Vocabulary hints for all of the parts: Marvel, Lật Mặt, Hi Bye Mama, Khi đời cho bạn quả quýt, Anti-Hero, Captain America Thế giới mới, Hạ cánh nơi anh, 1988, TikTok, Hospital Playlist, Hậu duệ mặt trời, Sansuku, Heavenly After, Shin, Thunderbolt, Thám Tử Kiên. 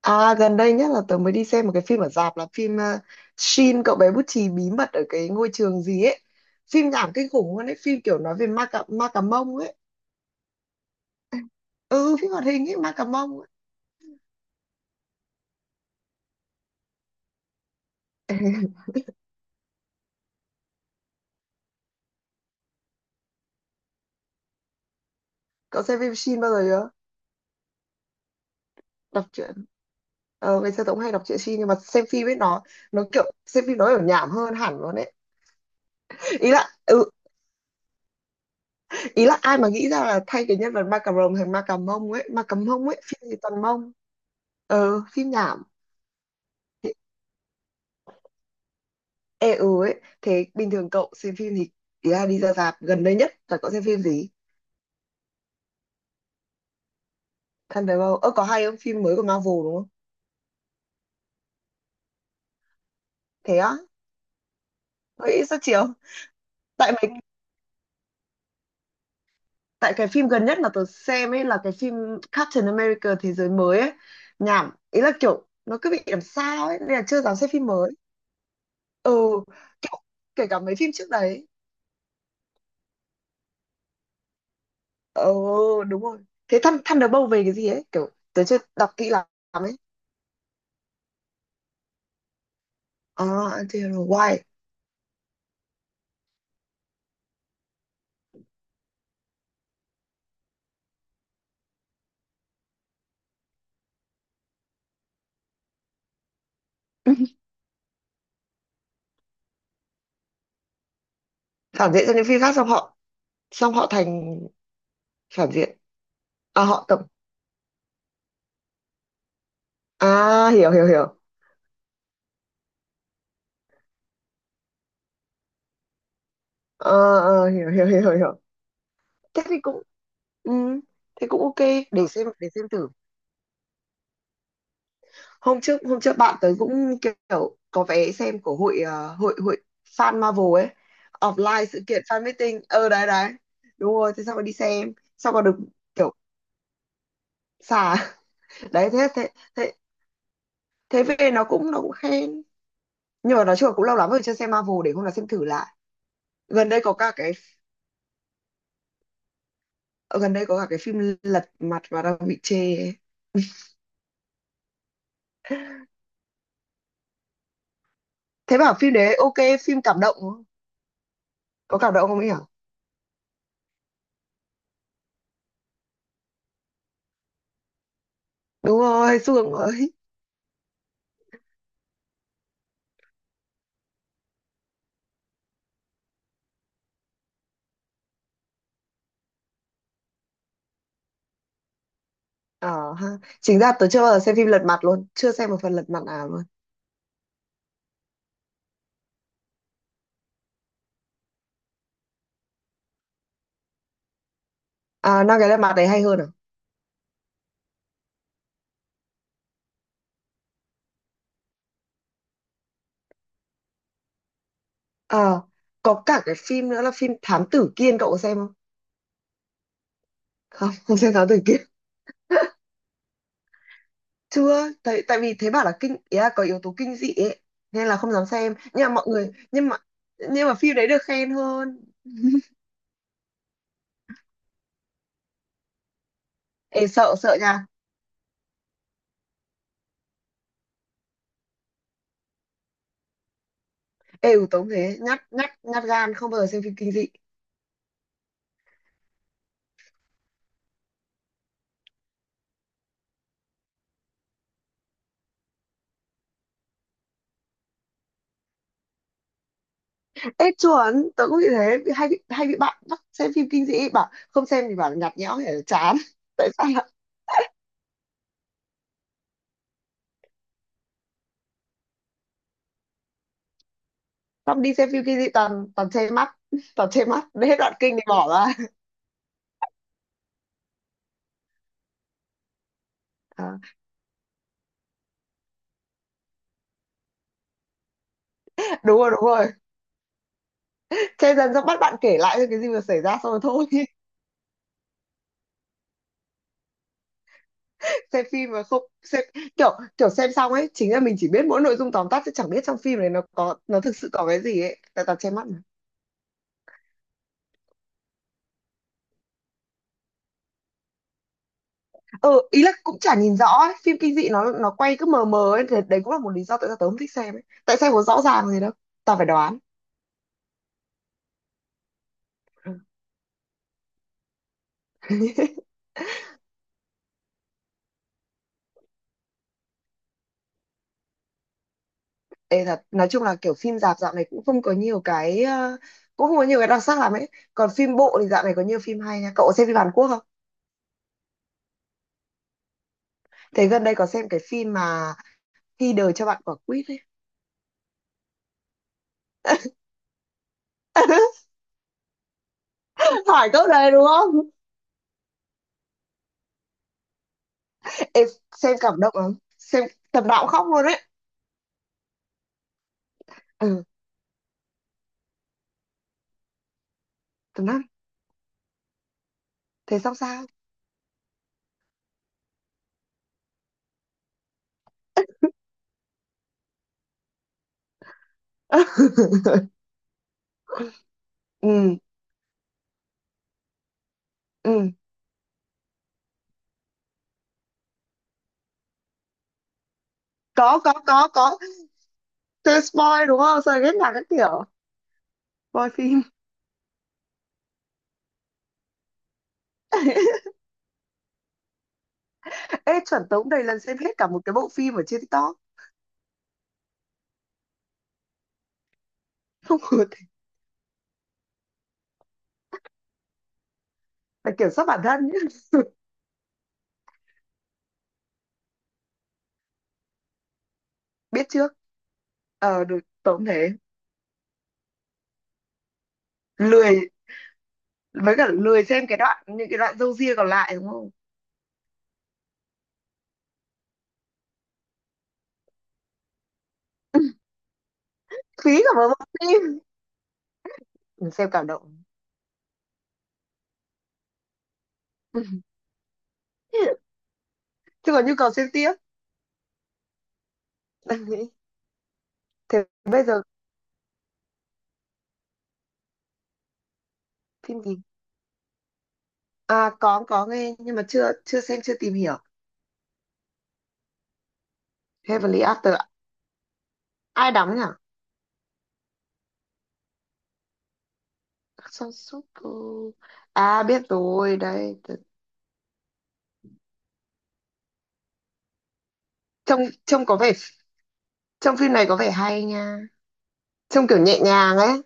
À gần đây nhất là tớ mới đi xem một cái phim ở rạp là phim Shin cậu bé bút chì bí mật ở cái ngôi trường gì ấy. Phim nhảm kinh khủng luôn ấy, phim kiểu nói về ma cà mông ấy. Ừ, phim hoạt hình ấy, ma cà mông ấy. Cậu xem phim Shin bao giờ chưa? Đọc truyện. Ờ, ngày xưa tớ cũng hay đọc truyện Shin nhưng mà xem phim ấy nó kiểu xem phim nó kiểu nhảm hơn hẳn luôn ấy. Ý là ừ, ý là ai mà nghĩ ra là thay cái nhân vật ma cà rồng thành ma cà mông ấy, ma cà mông ấy, phim gì toàn mông. Ờ, phim nhảm. Ê ừ ấy, thế bình thường cậu xem phim thì ý là đi ra rạp gần đây nhất là cậu xem phim gì? Thunderbolt, ơ có hay không? Phim mới của Marvel đúng không? Thế á? Vậy sao chiều? Tại mấy tại cái phim gần nhất mà tớ xem ấy là cái phim Captain America Thế giới mới ấy. Nhảm, ý là kiểu nó cứ bị làm sao ấy nên là chưa dám xem phim mới. Ừ, kiểu kể cả mấy phim trước đấy. Ừ, đúng rồi. Thế Thunderbolt về cái gì ấy? Kiểu tớ chưa đọc kỹ lắm ấy. À, Anti-Hero, why? Phản diện cho những phim khác, sao họ xong họ thành phản diện? À họ tập à Hiểu hiểu hiểu. Ờ, hiểu hiểu hiểu hiểu hiểu, thế thì cũng ừ, thế cũng ok, để xem thử. Hôm trước bạn tới cũng kiểu có vé xem của hội hội hội fan Marvel ấy, offline sự kiện fan meeting đấy đấy. Đúng rồi, thế xong rồi đi xem, xong còn được kiểu xà. Đấy, thế thế thế thế về nó cũng khen nhưng mà nói chung là cũng lâu lắm rồi chưa xem Marvel, để hôm nào xem thử lại. gần đây có cả cái Ờ, Gần đây có cả cái phim Lật Mặt và đang bị chê ấy. Thế bảo phim đấy ok, phim cảm động đúng không? Có cảm động không ấy hả? Đúng rồi Sương ơi. Ờ ha, chính ra tớ chưa bao giờ xem phim Lật Mặt luôn, chưa xem một phần Lật Mặt nào luôn. À năm cái Lật Mặt đấy hay hơn à? ờ có cả cái phim nữa là phim Thám Tử Kiên, cậu có xem không? Không, không xem Thám Tử Kiên. Chưa, tại tại vì thế bảo là kinh, ý là có yếu tố kinh dị ấy nên là không dám xem, nhưng mà mọi người nhưng mà phim đấy được khen hơn. Ê, sợ sợ nha. Ê, tớ cũng thế, nhát nhát nhát gan, không bao giờ xem phim kinh dị. Ê chuẩn, tớ cũng bị thế, bị- hay bị hay bị bạn bắt xem phim kinh dị, bảo không xem thì bảo là nhạt nhẽo hay là chán. Tại sao lại xong đi xem phim kinh dị toàn toàn che mắt, toàn che mắt đến hết đoạn kinh thì bỏ ra. À, đúng rồi đúng rồi, che dần xong bắt bạn kể lại thôi cái gì vừa xảy ra xong rồi thôi. Xem phim mà không xem. Kiểu kiểu xem xong ấy chính là mình chỉ biết mỗi nội dung tóm tắt chứ chẳng biết trong phim này nó có, nó thực sự có cái gì ấy, tại toàn che mắt mà. Ừ, ý là cũng chả nhìn rõ ấy. Phim kinh dị nó quay cứ mờ mờ ấy thì đấy cũng là một lý do tại sao tớ không thích xem ấy, tại sao có rõ ràng gì đâu, tao phải đoán. Ừ. Ê thật, nói chung là kiểu phim rạp dạo này cũng không có nhiều cái cũng không có nhiều cái đặc sắc lắm ấy. Còn phim bộ thì dạo này có nhiều phim hay nha. Cậu có xem phim Hàn Quốc không? Thế gần đây có xem cái phim mà Khi đời cho bạn quả quýt ấy. Hỏi câu này đúng không? Ê, xem cảm động lắm. Xem tầm nào cũng khóc luôn ấy. Ừ, tầm năm. Thế xong sao? Ừ, ừ. Có có, từ spoil đúng không, rồi biết là các kiểu spoil phim. Ê chuẩn, tống đầy lần xem hết cả một cái bộ phim ở trên TikTok. Không ngờ thế. Phải kiểm soát bản thân nhé. Biết trước, được tống thế, lười, với cả lười xem cái đoạn, những cái đoạn râu ria còn lại đúng không, phí cả một bộ phim. Mình xem cảm động. Chứ còn nhu cầu xem tiếp. Đang nghĩ thế bây giờ. Phim gì? À có nghe nhưng mà chưa chưa xem, chưa tìm hiểu. Heavenly After. Ai đóng nhỉ? Sansuku? À biết rồi đấy. Trông trông có vẻ, trong phim này có vẻ hay nha, trông kiểu nhẹ nhàng ấy.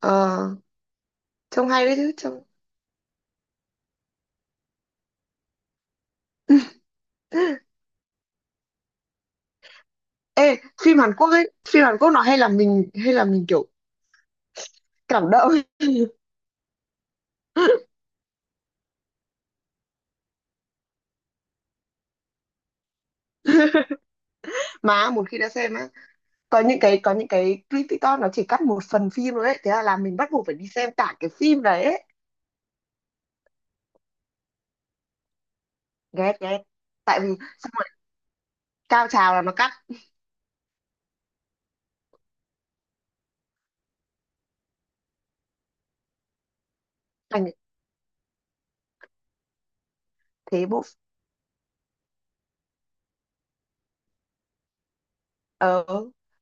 ờ Trông hay đấy chứ, trông. Ê phim Hàn Quốc ấy, phim Hàn Quốc nó hay làm mình, hay là mình kiểu cảm động. Mà một khi đã xem á, có những cái clip TikTok nó chỉ cắt một phần phim thôi ấy, thế là làm mình bắt buộc phải đi xem cả cái phim đấy ấy. Ghét ghét. Tại vì xong rồi cao trào là nó cắt, thành thế bộ. Ờ,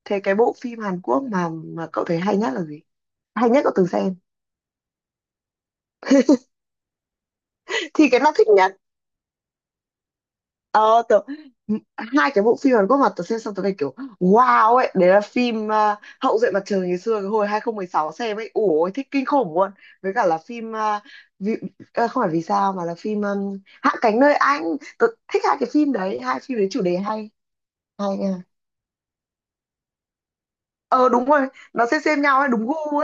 thế cái bộ phim Hàn Quốc mà cậu thấy hay nhất là gì? Hay nhất cậu từng xem? Thì cái nào thích nhất? Ờ, tớ, m- hai cái bộ phim Hàn Quốc mà tớ xem xong tớ phải kiểu wow ấy, đấy là phim Hậu duệ mặt trời, ngày xưa cái hồi 2016 xem ấy. Ủa, thích kinh khủng luôn. Với cả là phim, vì, không phải vì sao mà là phim Hạ cánh nơi anh. Tớ thích hai cái phim đấy, hai phim đấy chủ đề hay. Hay nha. Ờ đúng rồi, nó xem nhau ấy, đúng gu,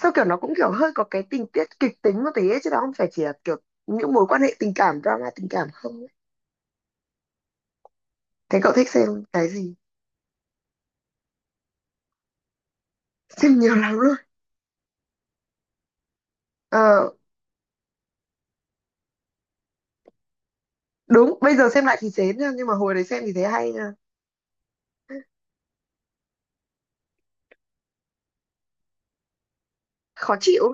sao kiểu nó cũng kiểu hơi có cái tình tiết kịch tính một tí ấy, chứ nó không phải chỉ là kiểu những mối quan hệ tình cảm, drama tình cảm không ấy. Thế cậu thích xem cái gì? Xem nhiều lắm luôn. ờ Đúng, bây giờ xem lại thì chán nha, nhưng mà hồi đấy xem thì thấy hay nha. Khó chịu.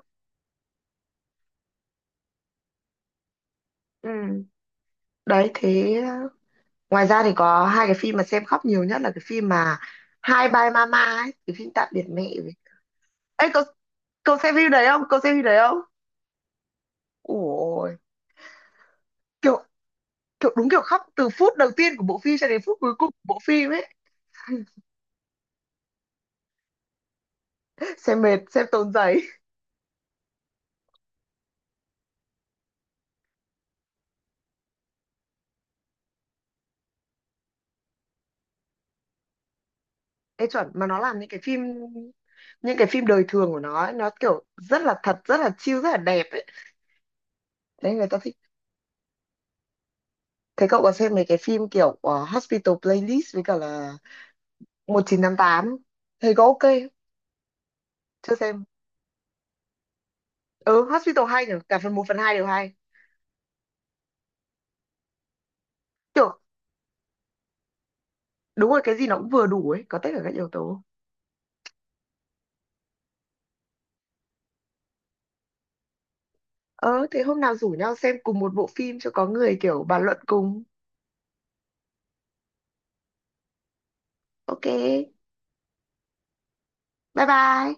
Ừ, đấy thế ngoài ra thì có hai cái phim mà xem khóc nhiều nhất là cái phim mà Hi Bye Mama ấy, cái phim tạm biệt mẹ ấy. Ê, cậu cậu xem phim đấy không, cậu xem phim đấy không? Ủa ôi, kiểu kiểu đúng kiểu khóc từ phút đầu tiên của bộ phim cho đến phút cuối cùng của bộ phim ấy. Xem mệt, xem tốn giấy. Ê chuẩn, mà nó làm những cái phim, đời thường của nó ấy, nó kiểu rất là thật, rất là chill, rất là đẹp ấy. Đấy người ta thích. Thế cậu có xem mấy cái phim kiểu Hospital Playlist với cả là 1988 tám, thấy có ok không? Chưa xem. Ừ, Hospital hay nhỉ, cả phần một phần 2 đều hay. Kiểu đúng rồi, cái gì nó cũng vừa đủ ấy, có tất cả các yếu tố. Ờ Thế hôm nào rủ nhau xem cùng một bộ phim cho có người kiểu bàn luận cùng. Ok, bye bye.